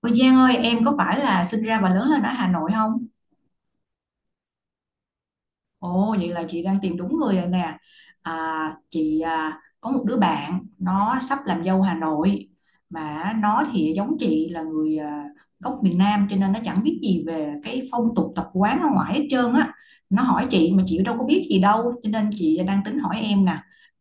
Ôi Giang ơi, em có phải là sinh ra và lớn lên ở Hà Nội không? Ồ, vậy là chị đang tìm đúng người rồi nè. À, chị à, có một đứa bạn nó sắp làm dâu Hà Nội mà nó thì giống chị là người à, gốc miền Nam cho nên nó chẳng biết gì về cái phong tục tập quán ở ngoài hết trơn á. Nó hỏi chị mà chị đâu có biết gì đâu cho nên chị đang tính hỏi em nè.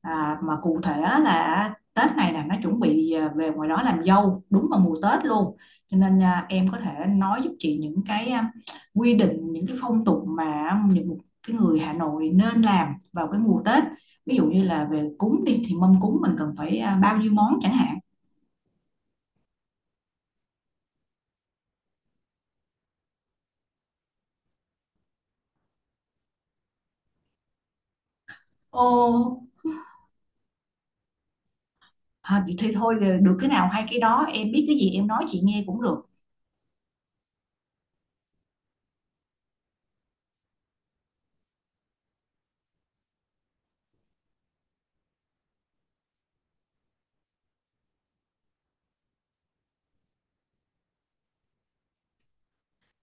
À, mà cụ thể á là Tết này nè nó chuẩn bị à, về ngoài đó làm dâu đúng vào mùa Tết luôn. Cho nên à, em có thể nói giúp chị những cái à, quy định những cái phong tục mà những cái người Hà Nội nên làm vào cái mùa Tết, ví dụ như là về cúng đi thì mâm cúng mình cần phải à, bao nhiêu món chẳng hạn. Ô, à, thì thôi, được cái nào hay cái đó, em biết cái gì em nói chị nghe cũng được.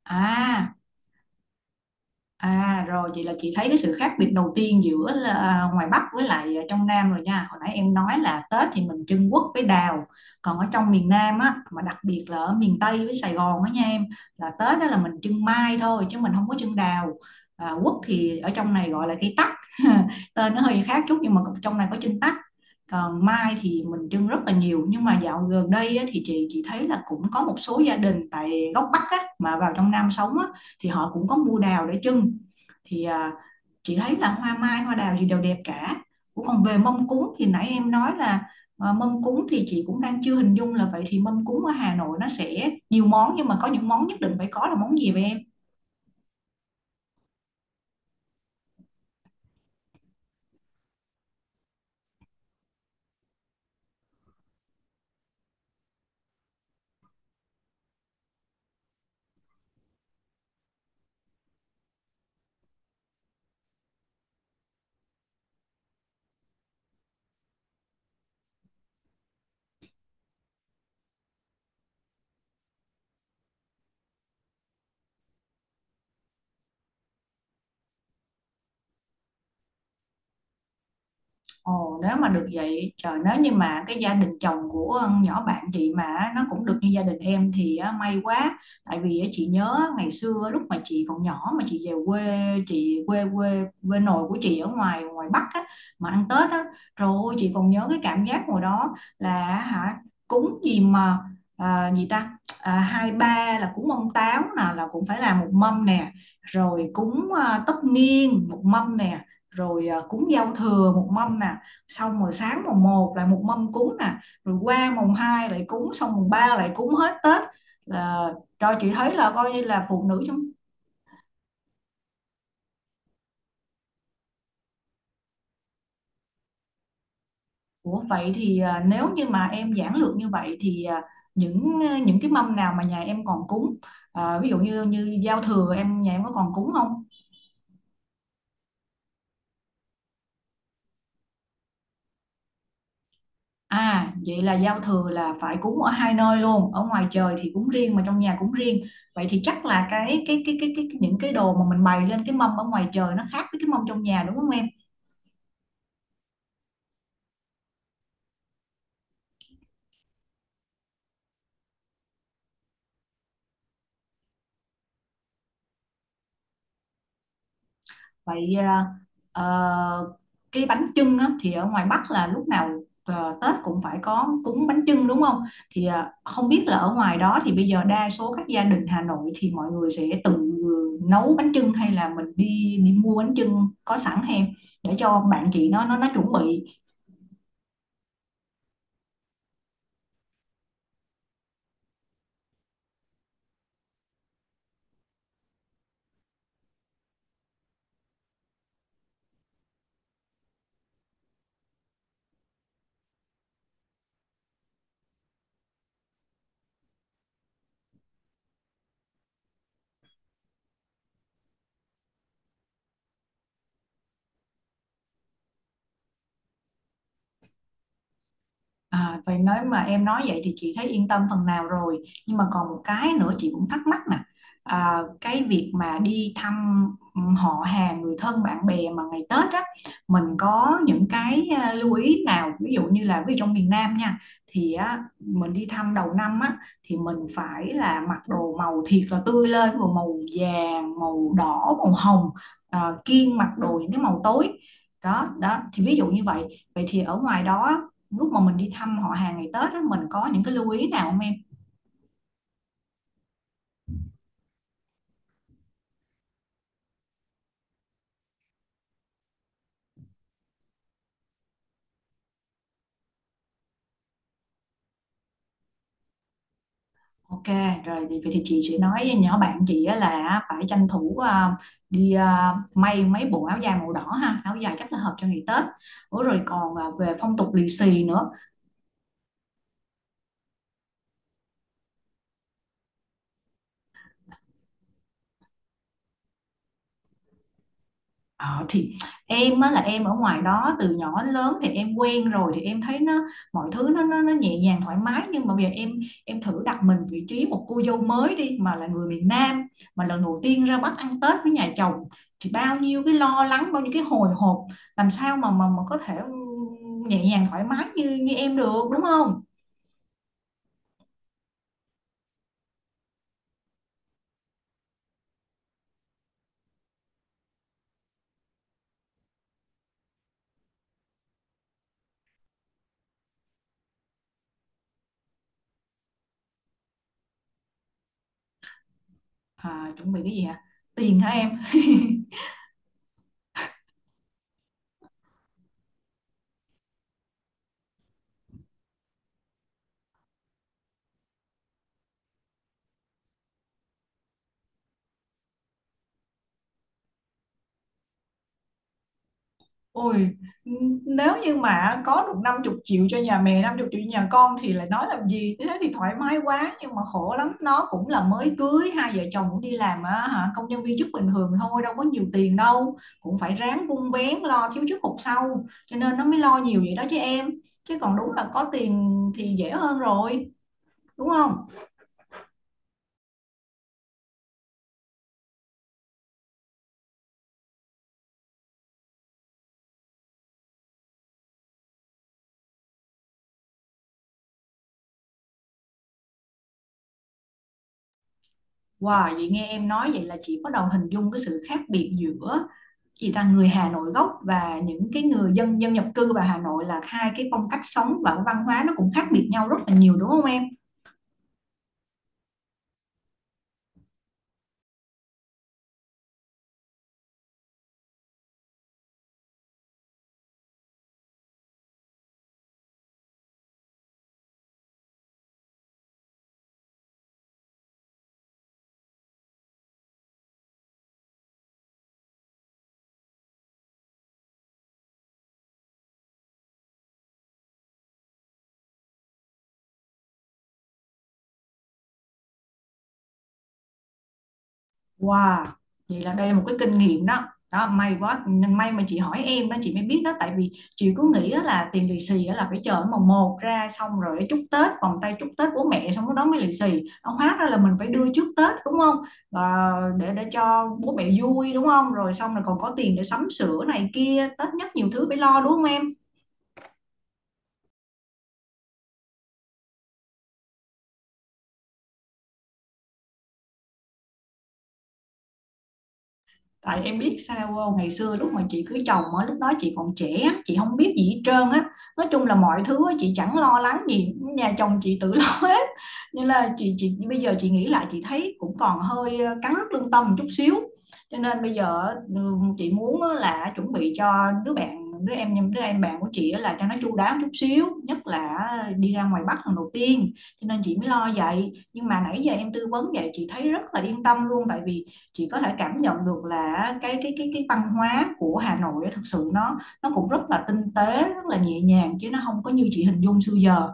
À, à rồi vậy là chị thấy cái sự khác biệt đầu tiên giữa là à, ngoài Bắc với lại à, trong Nam rồi nha. Hồi nãy em nói là Tết thì mình trưng quất với đào, còn ở trong miền Nam á mà đặc biệt là ở miền Tây với Sài Gòn á nha em, là Tết đó là mình trưng mai thôi chứ mình không có trưng đào. À, quất thì ở trong này gọi là cây tắc. Tên nó hơi khác chút nhưng mà trong này có trưng tắc. Còn mai thì mình trưng rất là nhiều, nhưng mà dạo gần đây á, thì chị thấy là cũng có một số gia đình tại góc Bắc á, mà vào trong Nam sống á thì họ cũng có mua đào để trưng, thì à, chị thấy là hoa mai hoa đào gì đều đẹp cả. Ủa còn về mâm cúng thì nãy em nói là à, mâm cúng thì chị cũng đang chưa hình dung là vậy thì mâm cúng ở Hà Nội nó sẽ nhiều món, nhưng mà có những món nhất định phải có là món gì vậy em? Ồ, nếu mà được vậy, trời, nếu như mà cái gia đình chồng của con nhỏ bạn chị mà nó cũng được như gia đình em thì á, may quá. Tại vì á, chị nhớ ngày xưa lúc mà chị còn nhỏ mà chị về quê, chị quê quê quê nội của chị ở ngoài ngoài Bắc á, mà ăn Tết á, rồi chị còn nhớ cái cảm giác hồi đó là hả, cúng gì mà à, gì ta, à, hai ba là cúng ông táo nè là cũng phải làm một mâm nè, rồi cúng à, tất niên một mâm nè, rồi à, cúng giao thừa một mâm nè, xong rồi sáng mùng một lại một mâm cúng nè, rồi qua mùng 2 lại cúng, xong mùng 3 lại cúng hết Tết, là cho chị thấy là coi như là phụ nữ chúng. Ủa vậy thì à, nếu như mà em giản lược như vậy thì à, những cái mâm nào mà nhà em còn cúng, à, ví dụ như như giao thừa em, nhà em có còn cúng không? À, vậy là giao thừa là phải cúng ở hai nơi luôn, ở ngoài trời thì cúng riêng mà trong nhà cúng riêng. Vậy thì chắc là cái những cái đồ mà mình bày lên cái mâm ở ngoài trời nó khác với cái mâm trong nhà đúng không em? Vậy ờ, ờ, cái bánh chưng á, thì ở ngoài Bắc là lúc nào ờ, Tết cũng phải có cúng bánh chưng đúng không, thì ờ, không biết là ở ngoài đó thì bây giờ đa số các gia đình Hà Nội thì mọi người sẽ tự nấu bánh chưng hay là mình đi đi mua bánh chưng có sẵn, hay để cho bạn chị nó chuẩn bị. À, vậy nếu mà em nói vậy thì chị thấy yên tâm phần nào rồi, nhưng mà còn một cái nữa chị cũng thắc mắc nè, à, cái việc mà đi thăm, ừ, họ hàng người thân bạn bè mà ngày Tết á, mình có những cái à, lưu ý nào, ví dụ như là ví dụ trong miền Nam nha, thì á, mình đi thăm đầu năm á thì mình phải là mặc đồ màu thiệt là tươi lên, màu màu vàng màu đỏ màu hồng, à, kiêng mặc đồ những cái màu tối đó đó, thì ví dụ như vậy. Vậy thì ở ngoài đó lúc mà mình đi thăm họ hàng ngày Tết á, mình có những cái lưu ý nào không em? Ok, rồi thì, vậy thì chị sẽ nói với nhỏ bạn chị á là phải tranh thủ à, đi à, may mấy bộ áo dài màu đỏ ha, áo dài chắc là hợp cho ngày Tết. Ủa rồi còn à, về phong tục lì xì nữa. Ờ, thì em á là em ở ngoài đó từ nhỏ đến lớn thì em quen rồi thì em thấy nó, mọi thứ nó nhẹ nhàng thoải mái, nhưng mà bây giờ em thử đặt mình vị trí một cô dâu mới đi mà là người miền Nam, mà lần đầu tiên ra Bắc ăn Tết với nhà chồng, thì bao nhiêu cái lo lắng bao nhiêu cái hồi hộp, làm sao mà mà có thể nhẹ nhàng thoải mái như như em được đúng không? À, chuẩn bị cái gì hả? Tiền hả em? Ôi, nếu như mà có được 50 triệu cho nhà mẹ, 50 triệu cho nhà con thì lại nói làm gì, thế thì thoải mái quá, nhưng mà khổ lắm, nó cũng là mới cưới, hai vợ chồng cũng đi làm á, hả, công nhân viên chức bình thường thôi, đâu có nhiều tiền đâu, cũng phải ráng vun vén lo thiếu trước hụt sau, cho nên nó mới lo nhiều vậy đó chứ em, chứ còn đúng là có tiền thì dễ hơn rồi, đúng không? Wow, vậy nghe em nói vậy là chị bắt đầu hình dung cái sự khác biệt giữa chị ta người Hà Nội gốc và những cái người dân dân nhập cư vào Hà Nội là hai cái phong cách sống và cái văn hóa nó cũng khác biệt nhau rất là nhiều đúng không em? Wow, vậy là đây là một cái kinh nghiệm đó. Đó, may quá, may mà chị hỏi em đó chị mới biết đó, tại vì chị cứ nghĩ á là tiền lì xì á là phải chờ mùng một ra xong rồi chúc Tết vòng tay chúc Tết bố mẹ xong cái đó mới lì xì, nó hóa ra là mình phải đưa trước Tết đúng không? Và để cho bố mẹ vui đúng không, rồi xong là còn có tiền để sắm sửa này kia, Tết nhất nhiều thứ phải lo đúng không em? Tại em biết sao không? Ngày xưa lúc mà chị cưới chồng á lúc đó chị còn trẻ, chị không biết gì hết trơn á, nói chung là mọi thứ á, chị chẳng lo lắng gì, nhà chồng chị tự lo hết, nên là chị bây giờ chị nghĩ lại chị thấy cũng còn hơi ờ, cắn rứt lương tâm một chút xíu, cho nên bây giờ á, ừ, chị muốn á là chuẩn bị cho đứa bạn, đứa em, đứa em bạn của chị á là cho nó chu đáo một chút xíu, nhất là đi ra ngoài Bắc lần đầu tiên, cho nên chị mới lo vậy, nhưng mà nãy giờ em tư vấn vậy chị thấy rất là yên tâm luôn, tại vì chị có thể cảm nhận được là cái văn hóa của Hà Nội á, thực sự nó cũng rất là tinh tế rất là nhẹ nhàng chứ nó không có như chị hình dung xưa giờ.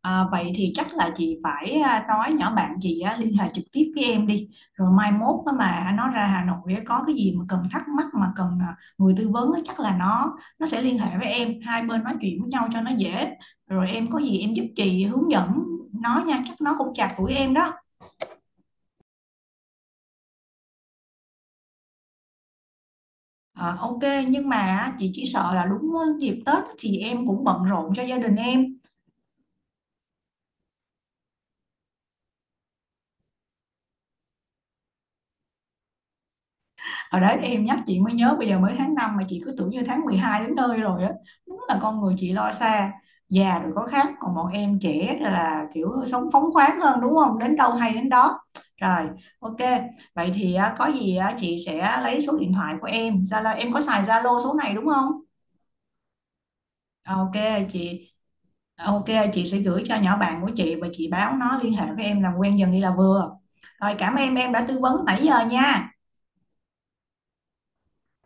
À, vậy thì chắc là chị phải à, nói nhỏ bạn chị á, liên hệ trực tiếp với em đi, rồi mai mốt á mà nó ra Hà Nội á, có cái gì mà cần thắc mắc mà cần à, người tư vấn á, chắc là nó sẽ liên hệ với em, hai bên nói chuyện với nhau cho nó dễ, rồi em có gì em giúp chị hướng dẫn nó nha, chắc nó cũng chạc tuổi em đó. Ờ, ok, nhưng mà chị chỉ sợ là đúng dịp Tết thì em cũng bận rộn cho gia đình em. Ở đấy em nhắc chị mới nhớ, bây giờ mới tháng 5 mà chị cứ tưởng như tháng 12 đến nơi rồi á, đúng là con người chị lo xa, già rồi có khác, còn bọn em trẻ là kiểu sống phóng khoáng hơn đúng không, đến đâu hay đến đó. Rồi, ok, vậy thì á, có gì á, chị sẽ lấy số điện thoại của em, Zalo em có xài Zalo số này đúng không? Ok, chị. Ok, chị sẽ gửi cho nhỏ bạn của chị và chị báo nó liên hệ với em làm quen dần đi là vừa. Rồi cảm ơn em đã tư vấn nãy giờ nha.